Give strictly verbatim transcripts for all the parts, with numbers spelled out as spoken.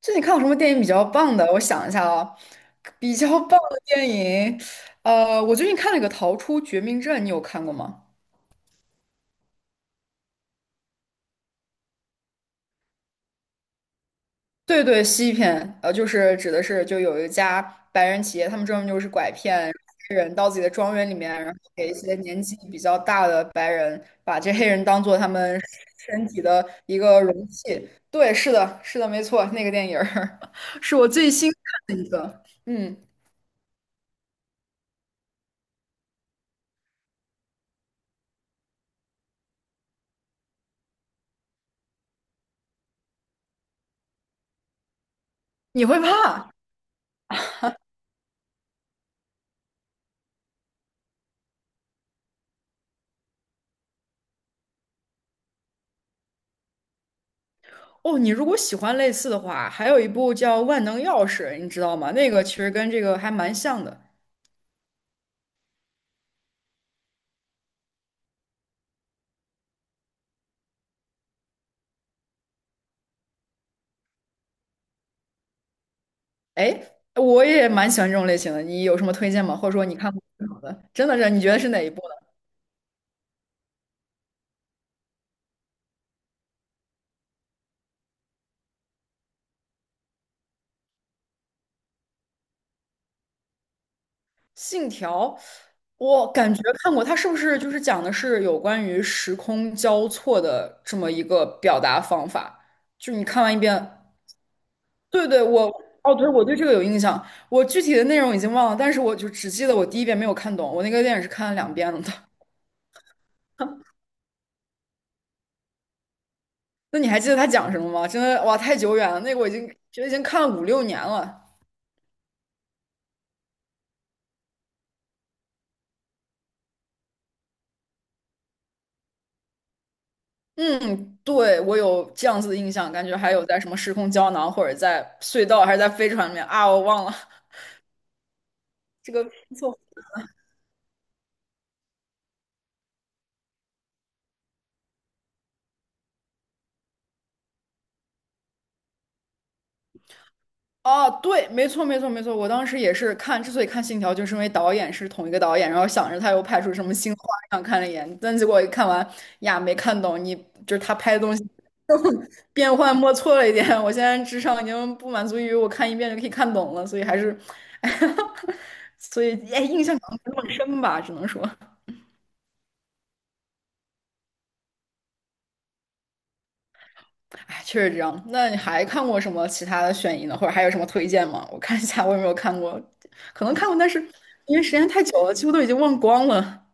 最近看过什么电影比较棒的？我想一下啊，比较棒的电影，呃，我最近看了一个《逃出绝命镇》，你有看过吗？对对，西片，呃，就是指的是就有一家白人企业，他们专门就是拐骗黑人到自己的庄园里面，然后给一些年纪比较大的白人，把这黑人当做他们身体的一个容器。对，是的，是的，没错，那个电影儿 是我最新看的一个。嗯，你会怕？哦，你如果喜欢类似的话，还有一部叫《万能钥匙》，你知道吗？那个其实跟这个还蛮像的。哎，我也蛮喜欢这种类型的，你有什么推荐吗？或者说你看过最好的？真的是，你觉得是哪一部呢？《信条》，我感觉看过，它是不是就是讲的是有关于时空交错的这么一个表达方法？就你看完一遍，对对，我，哦，对，我对这个有印象，我具体的内容已经忘了，但是我就只记得我第一遍没有看懂，我那个电影是看了两遍了的。那你还记得他讲什么吗？真的哇，太久远了，那个我已经觉得已经看了五六年了。嗯，对，我有这样子的印象，感觉还有在什么时空胶囊，或者在隧道，还是在飞船里面啊，我忘了 这个没错哦，对，没错，没错，没错。我当时也是看，之所以看《信条》，就是因为导演是同一个导演，然后想着他又拍出什么新花样，看了一眼，但结果一看完呀，没看懂，你就是他拍的东西变幻莫测了一点。我现在智商已经不满足于我看一遍就可以看懂了，所以还是，所以哎，印象可能没那么深吧，只能说，哎，确实这样。那你还看过什么其他的悬疑呢？或者还有什么推荐吗？我看一下我有没有看过，可能看过，但是因为时间太久了，几乎都已经忘光了。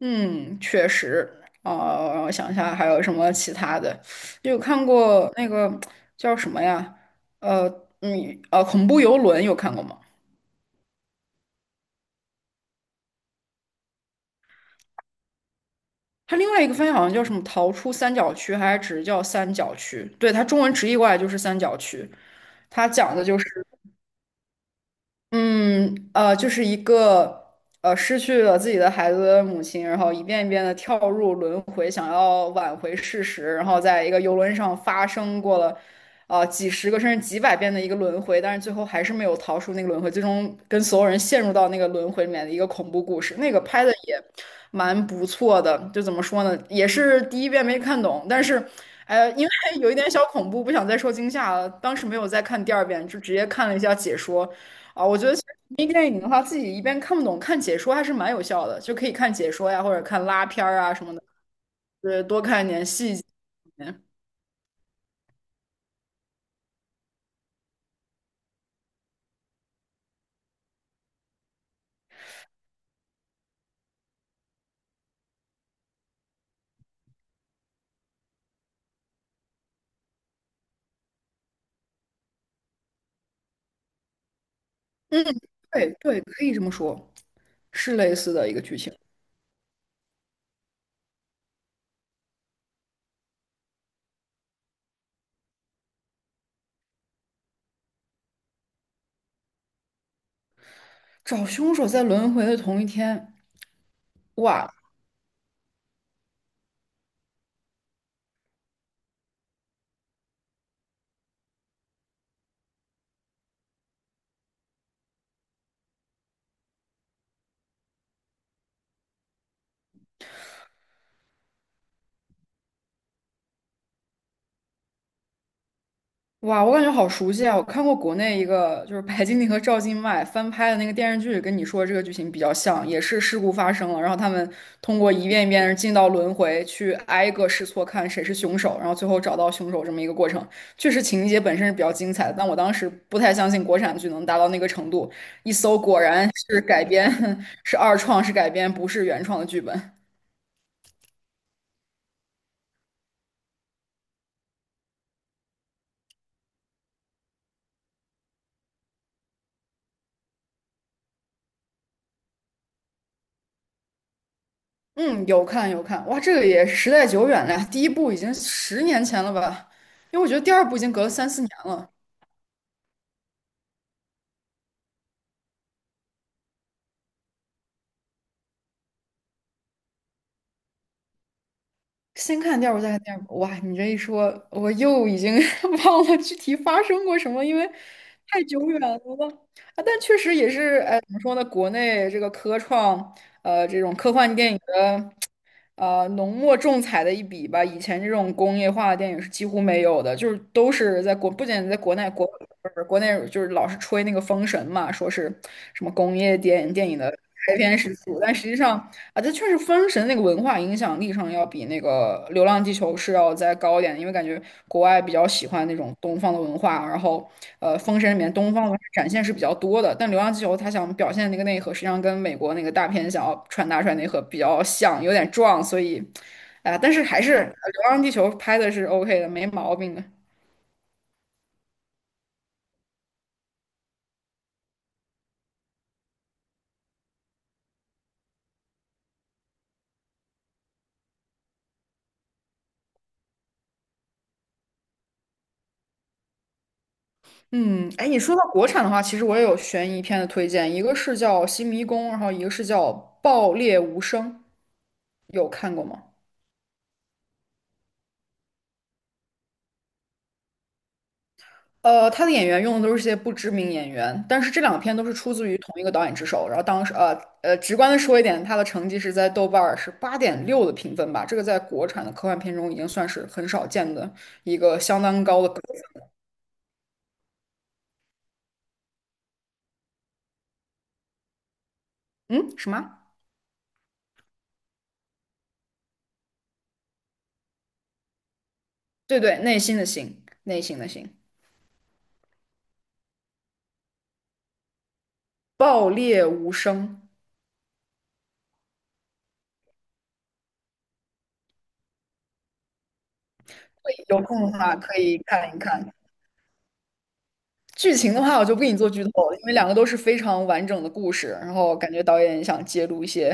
嗯，确实。哦，让我想一下还有什么其他的，有看过那个叫什么呀？呃，嗯，呃，恐怖游轮有看过吗？它另外一个翻译好像叫什么"逃出三角区"，还是只是叫"三角区"？对，它中文直译过来就是"三角区"。它讲的就是，嗯，呃，就是一个呃失去了自己的孩子的母亲，然后一遍一遍的跳入轮回，想要挽回事实，然后在一个游轮上发生过了呃几十个甚至几百遍的一个轮回，但是最后还是没有逃出那个轮回，最终跟所有人陷入到那个轮回里面的一个恐怖故事。那个拍的也蛮不错的，就怎么说呢，也是第一遍没看懂，但是。呃，因为有一点小恐怖，不想再受惊吓了。当时没有再看第二遍，就直接看了一下解说。啊，我觉得其实迷电影的话，自己一边看不懂，看解说还是蛮有效的，就可以看解说呀，或者看拉片儿啊什么的，对，多看一点细节。对对，可以这么说，是类似的一个剧情。找凶手在轮回的同一天，哇，哇，我感觉好熟悉啊！我看过国内一个就是白敬亭和赵今麦翻拍的那个电视剧，跟你说的这个剧情比较像，也是事故发生了，然后他们通过一遍一遍的进到轮回，去挨个试错看谁是凶手，然后最后找到凶手这么一个过程。确实情节本身是比较精彩的，但我当时不太相信国产剧能达到那个程度，一搜果然是改编，是二创，是改编，不是原创的剧本。嗯，有看有看，哇，这个也时代久远了呀，第一部已经十年前了吧？因为我觉得第二部已经隔了三四年了，先看第二部再看第二部，哇，你这一说，我又已经 忘了具体发生过什么，因为太久远了啊。但确实也是，哎，怎么说呢？国内这个科创，呃，这种科幻电影的呃浓墨重彩的一笔吧。以前这种工业化的电影是几乎没有的，就是都是在国，不仅在国内，国不是国内就是老是吹那个《封神》嘛，说是什么工业电电影的开篇始祖，但实际上啊，这确实《封神》那个文化影响力上要比那个《流浪地球》是要再高一点的因为感觉国外比较喜欢那种东方的文化，然后呃，《封神》里面东方文化展现是比较多的，但《流浪地球》它想表现那个内核，实际上跟美国那个大片想要传达出来内核比较像，有点撞，所以，啊、但是还是呃流浪地球》拍的是 OK 的，没毛病的。嗯，哎，你说到国产的话，其实我也有悬疑片的推荐，一个是叫《新迷宫》，然后一个是叫《爆裂无声》，有看过吗？呃，他的演员用的都是些不知名演员，但是这两篇都是出自于同一个导演之手。然后当时，呃呃，直观的说一点，他的成绩是在豆瓣儿是八点六的评分吧，这个在国产的科幻片中已经算是很少见的一个相当高的高分嗯，什么？对对，内心的心，内心的心，爆裂无声。有空的话可以看一看。剧情的话，我就不给你做剧透了，因为两个都是非常完整的故事，然后感觉导演想揭露一些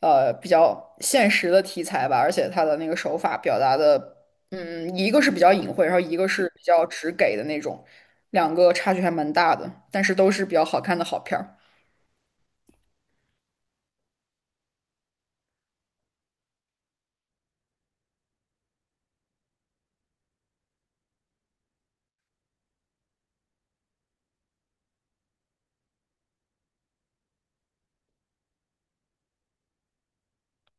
呃比较现实的题材吧，而且他的那个手法表达的，嗯，一个是比较隐晦，然后一个是比较直给的那种，两个差距还蛮大的，但是都是比较好看的好片儿。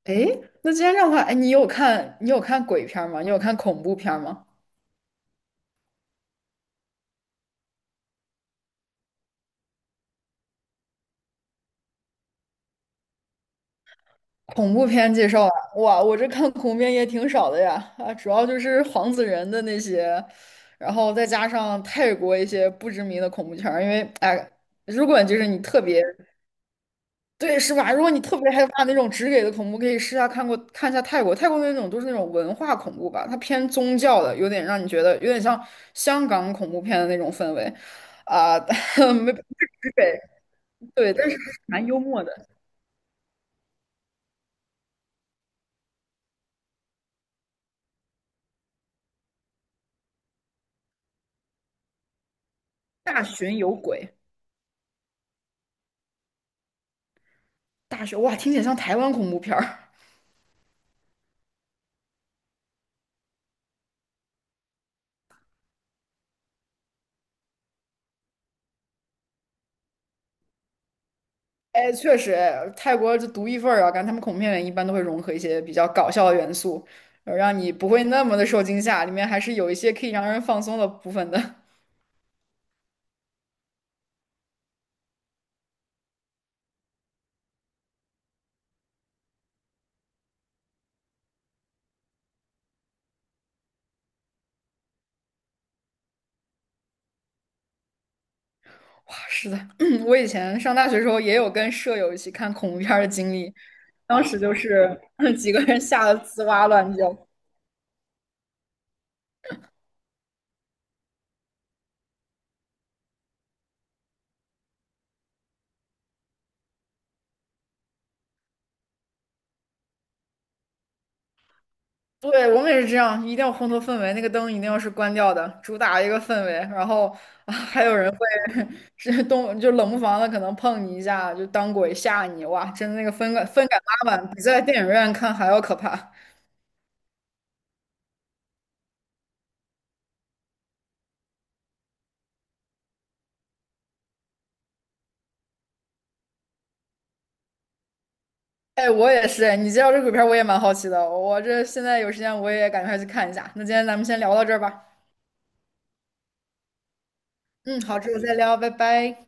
诶，那既然这样的话，哎，你有看你有看鬼片儿吗？你有看恐怖片儿吗？恐怖片介绍啊，哇，我这看恐怖片也挺少的呀，啊，主要就是黄子仁的那些，然后再加上泰国一些不知名的恐怖片儿，因为哎，如果就是你特别对是吧？如果你特别害怕那种直给的恐怖，可以试下看过看一下泰国，泰国那种都是那种文化恐怖吧，它偏宗教的，有点让你觉得有点像香港恐怖片的那种氛围，啊、没不是给对，但是还是蛮幽默的，大巡有鬼，大学哇，听起来像台湾恐怖片儿。哎，确实，泰国就独一份儿啊，感觉他们恐怖片里面一般都会融合一些比较搞笑的元素，呃让你不会那么的受惊吓，里面还是有一些可以让人放松的部分的。哇，是的，我以前上大学的时候也有跟舍友一起看恐怖片儿的经历，当时就是 几个人吓得吱哇乱叫。对，我们也是这样，一定要烘托氛围，那个灯一定要是关掉的，主打一个氛围。然后啊还有人会 是动，就冷不防的可能碰你一下，就当鬼吓你，哇，真的那个分感分感拉满，比在电影院看还要可怕。哎，我也是，哎，你介绍这鬼片儿我也蛮好奇的，我这现在有时间我也赶快去看一下。那今天咱们先聊到这儿吧。嗯，好，之后再聊，拜拜。